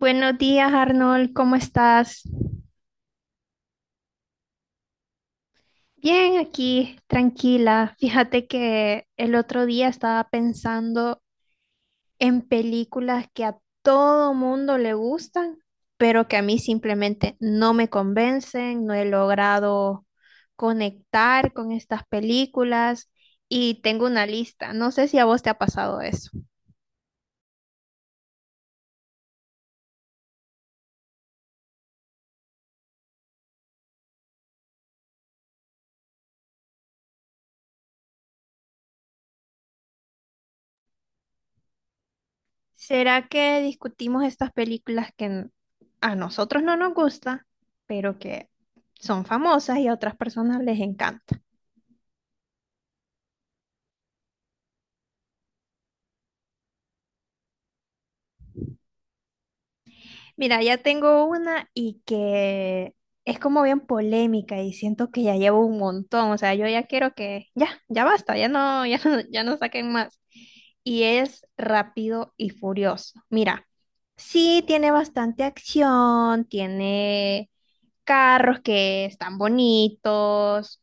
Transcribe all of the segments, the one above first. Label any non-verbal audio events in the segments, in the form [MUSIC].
Buenos días, Arnold, ¿cómo estás? Bien, aquí, tranquila. Fíjate que el otro día estaba pensando en películas que a todo mundo le gustan, pero que a mí simplemente no me convencen, no he logrado conectar con estas películas y tengo una lista. No sé si a vos te ha pasado eso. ¿Será que discutimos estas películas que a nosotros no nos gustan, pero que son famosas y a otras personas les encanta? Mira, ya tengo una y que es como bien polémica y siento que ya llevo un montón, o sea, yo ya quiero que ya, ya basta, ya no, [LAUGHS] ya no, ya no saquen más. Y es Rápido y Furioso. Mira, sí tiene bastante acción, tiene carros que están bonitos.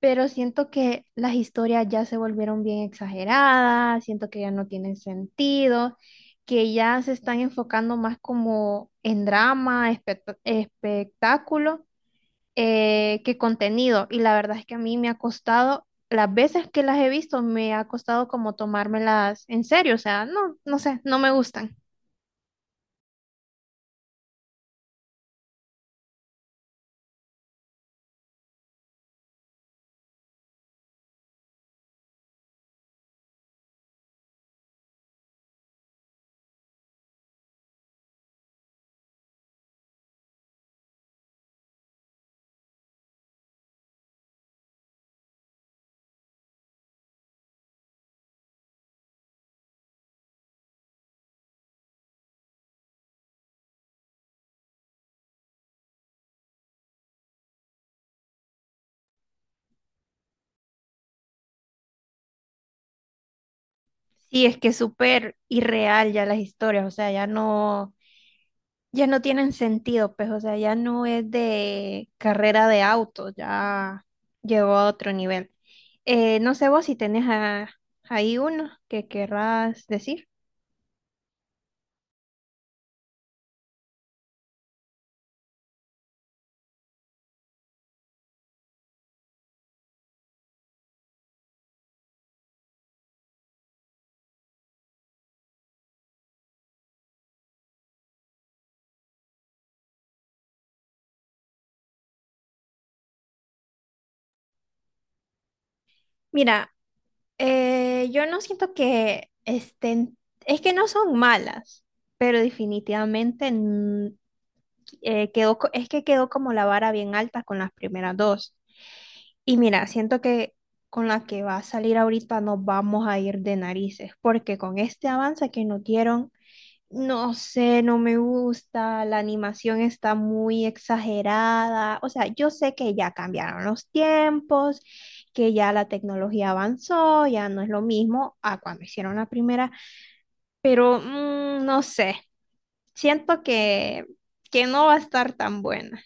Pero siento que las historias ya se volvieron bien exageradas, siento que ya no tienen sentido, que ya se están enfocando más como en drama, espectáculo, que contenido. Y la verdad es que a mí me ha costado, las veces que las he visto, me ha costado como tomármelas en serio, o sea, no, no sé, no me gustan. Sí, es que es súper irreal ya las historias, o sea, ya no, ya no tienen sentido, pues, o sea, ya no es de carrera de auto, ya llegó a otro nivel. No sé vos si tenés ahí uno que querrás decir. Mira, yo no siento que estén, es que no son malas, pero definitivamente quedó, es que quedó como la vara bien alta con las primeras dos. Y mira, siento que con la que va a salir ahorita nos vamos a ir de narices, porque con este avance que nos dieron, no sé, no me gusta, la animación está muy exagerada. O sea, yo sé que ya cambiaron los tiempos, que ya la tecnología avanzó, ya no es lo mismo a cuando hicieron la primera, pero no sé, siento que no va a estar tan buena.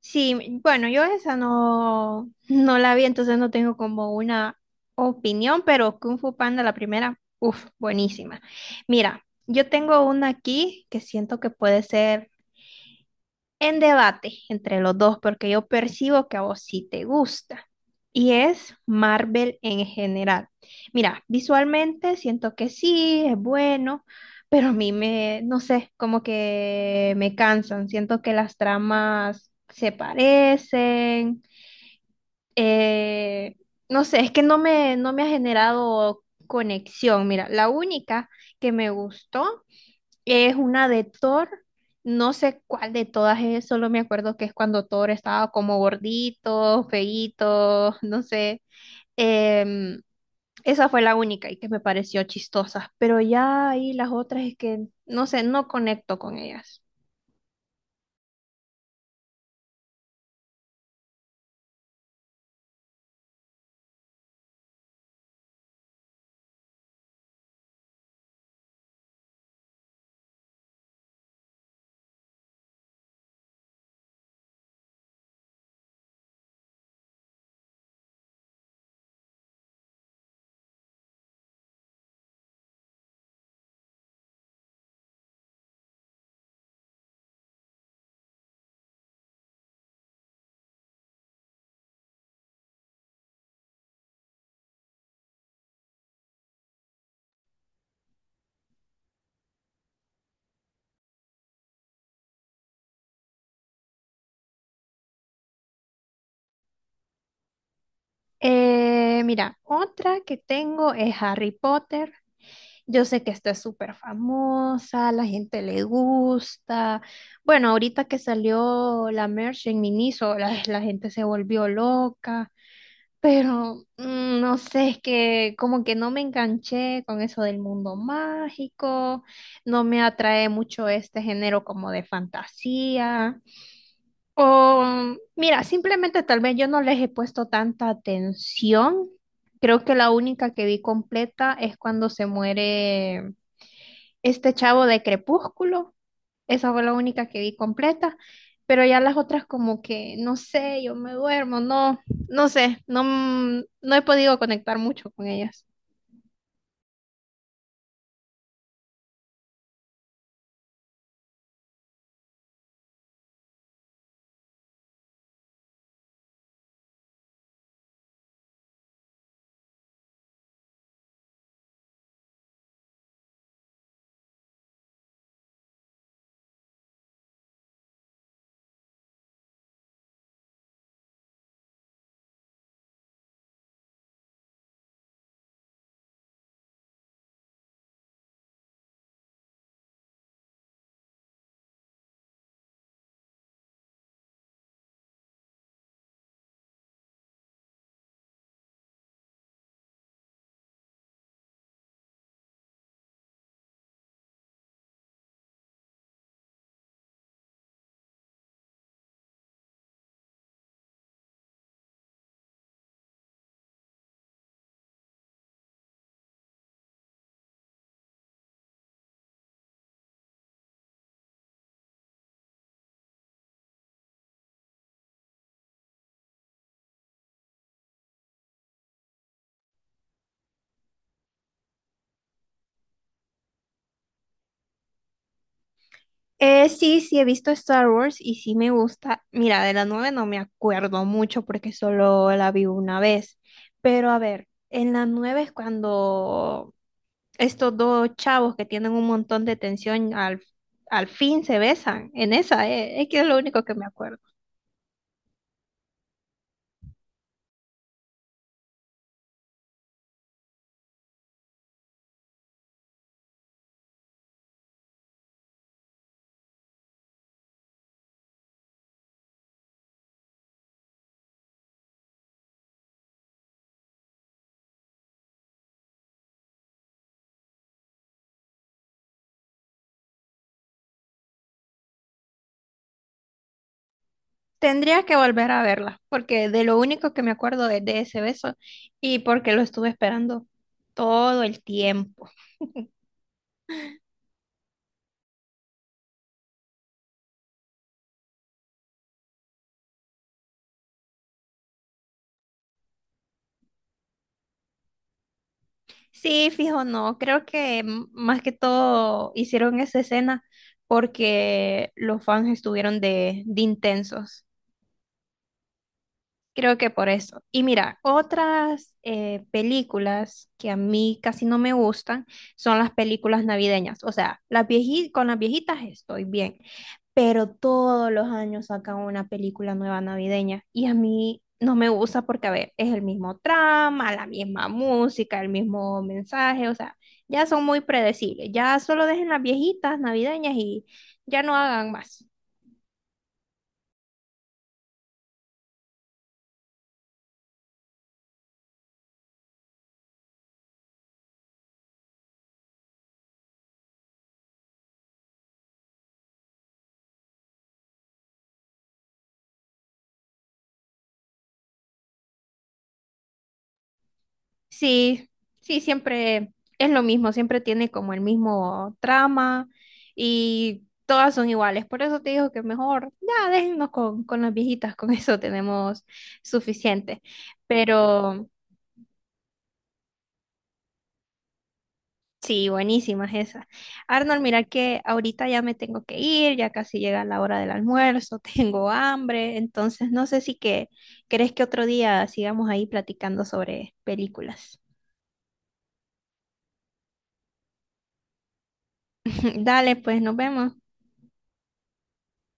Sí, bueno, yo esa no, no la vi, entonces no tengo como una opinión, pero Kung Fu Panda, la primera, uff, buenísima. Mira, yo tengo una aquí que siento que puede ser en debate entre los dos, porque yo percibo que a vos sí te gusta. Y es Marvel en general. Mira, visualmente siento que sí, es bueno, pero a mí me, no sé, como que me cansan. Siento que las tramas se parecen. eh, no sé, es que no me, no me ha generado conexión. Mira, la única que me gustó es una de Thor, no sé cuál de todas es, solo me acuerdo que es cuando Thor estaba como gordito, feíto, no sé. Em, Esa fue la única y que me pareció chistosa, pero ya ahí las otras es que, no sé, no conecto con ellas. Mira, otra que tengo es Harry Potter. Yo sé que esta es súper famosa, la gente le gusta. Bueno, ahorita que salió la merch en Miniso, la gente se volvió loca. Pero no sé, es que como que no me enganché con eso del mundo mágico, no me atrae mucho este género como de fantasía. O mira, simplemente tal vez yo no les he puesto tanta atención. Creo que la única que vi completa es cuando se muere este chavo de Crepúsculo. Esa fue la única que vi completa, pero ya las otras como que, no sé, yo me duermo, no, no sé, no, no he podido conectar mucho con ellas. Sí, sí, he visto Star Wars y sí me gusta. Mira, de la 9 no me acuerdo mucho porque solo la vi una vez. Pero a ver, en la 9 es cuando estos dos chavos que tienen un montón de tensión al, al fin se besan. En esa, es que es lo único que me acuerdo. Tendría que volver a verla, porque de lo único que me acuerdo es de ese beso y porque lo estuve esperando todo el tiempo. [LAUGHS] Sí, fijo, no, creo que más que todo hicieron esa escena porque los fans estuvieron de intensos. Creo que por eso. Y mira, otras películas que a mí casi no me gustan son las películas navideñas. O sea, las con las viejitas estoy bien, pero todos los años sacan una película nueva navideña y a mí no me gusta porque, a ver, es el mismo trama, la misma música, el mismo mensaje, o sea, ya son muy predecibles, ya solo dejen las viejitas navideñas y ya no hagan más. Sí, sí, siempre es lo mismo, siempre tiene como el mismo trama y todas son iguales, por eso te digo que mejor ya déjennos con las viejitas, con eso tenemos suficiente. Pero... Sí, buenísimas esas. Arnold, mira que ahorita ya me tengo que ir, ya casi llega la hora del almuerzo, [LAUGHS] tengo hambre, entonces no sé si que crees que otro día sigamos ahí platicando sobre películas. [LAUGHS] Dale, pues nos vemos.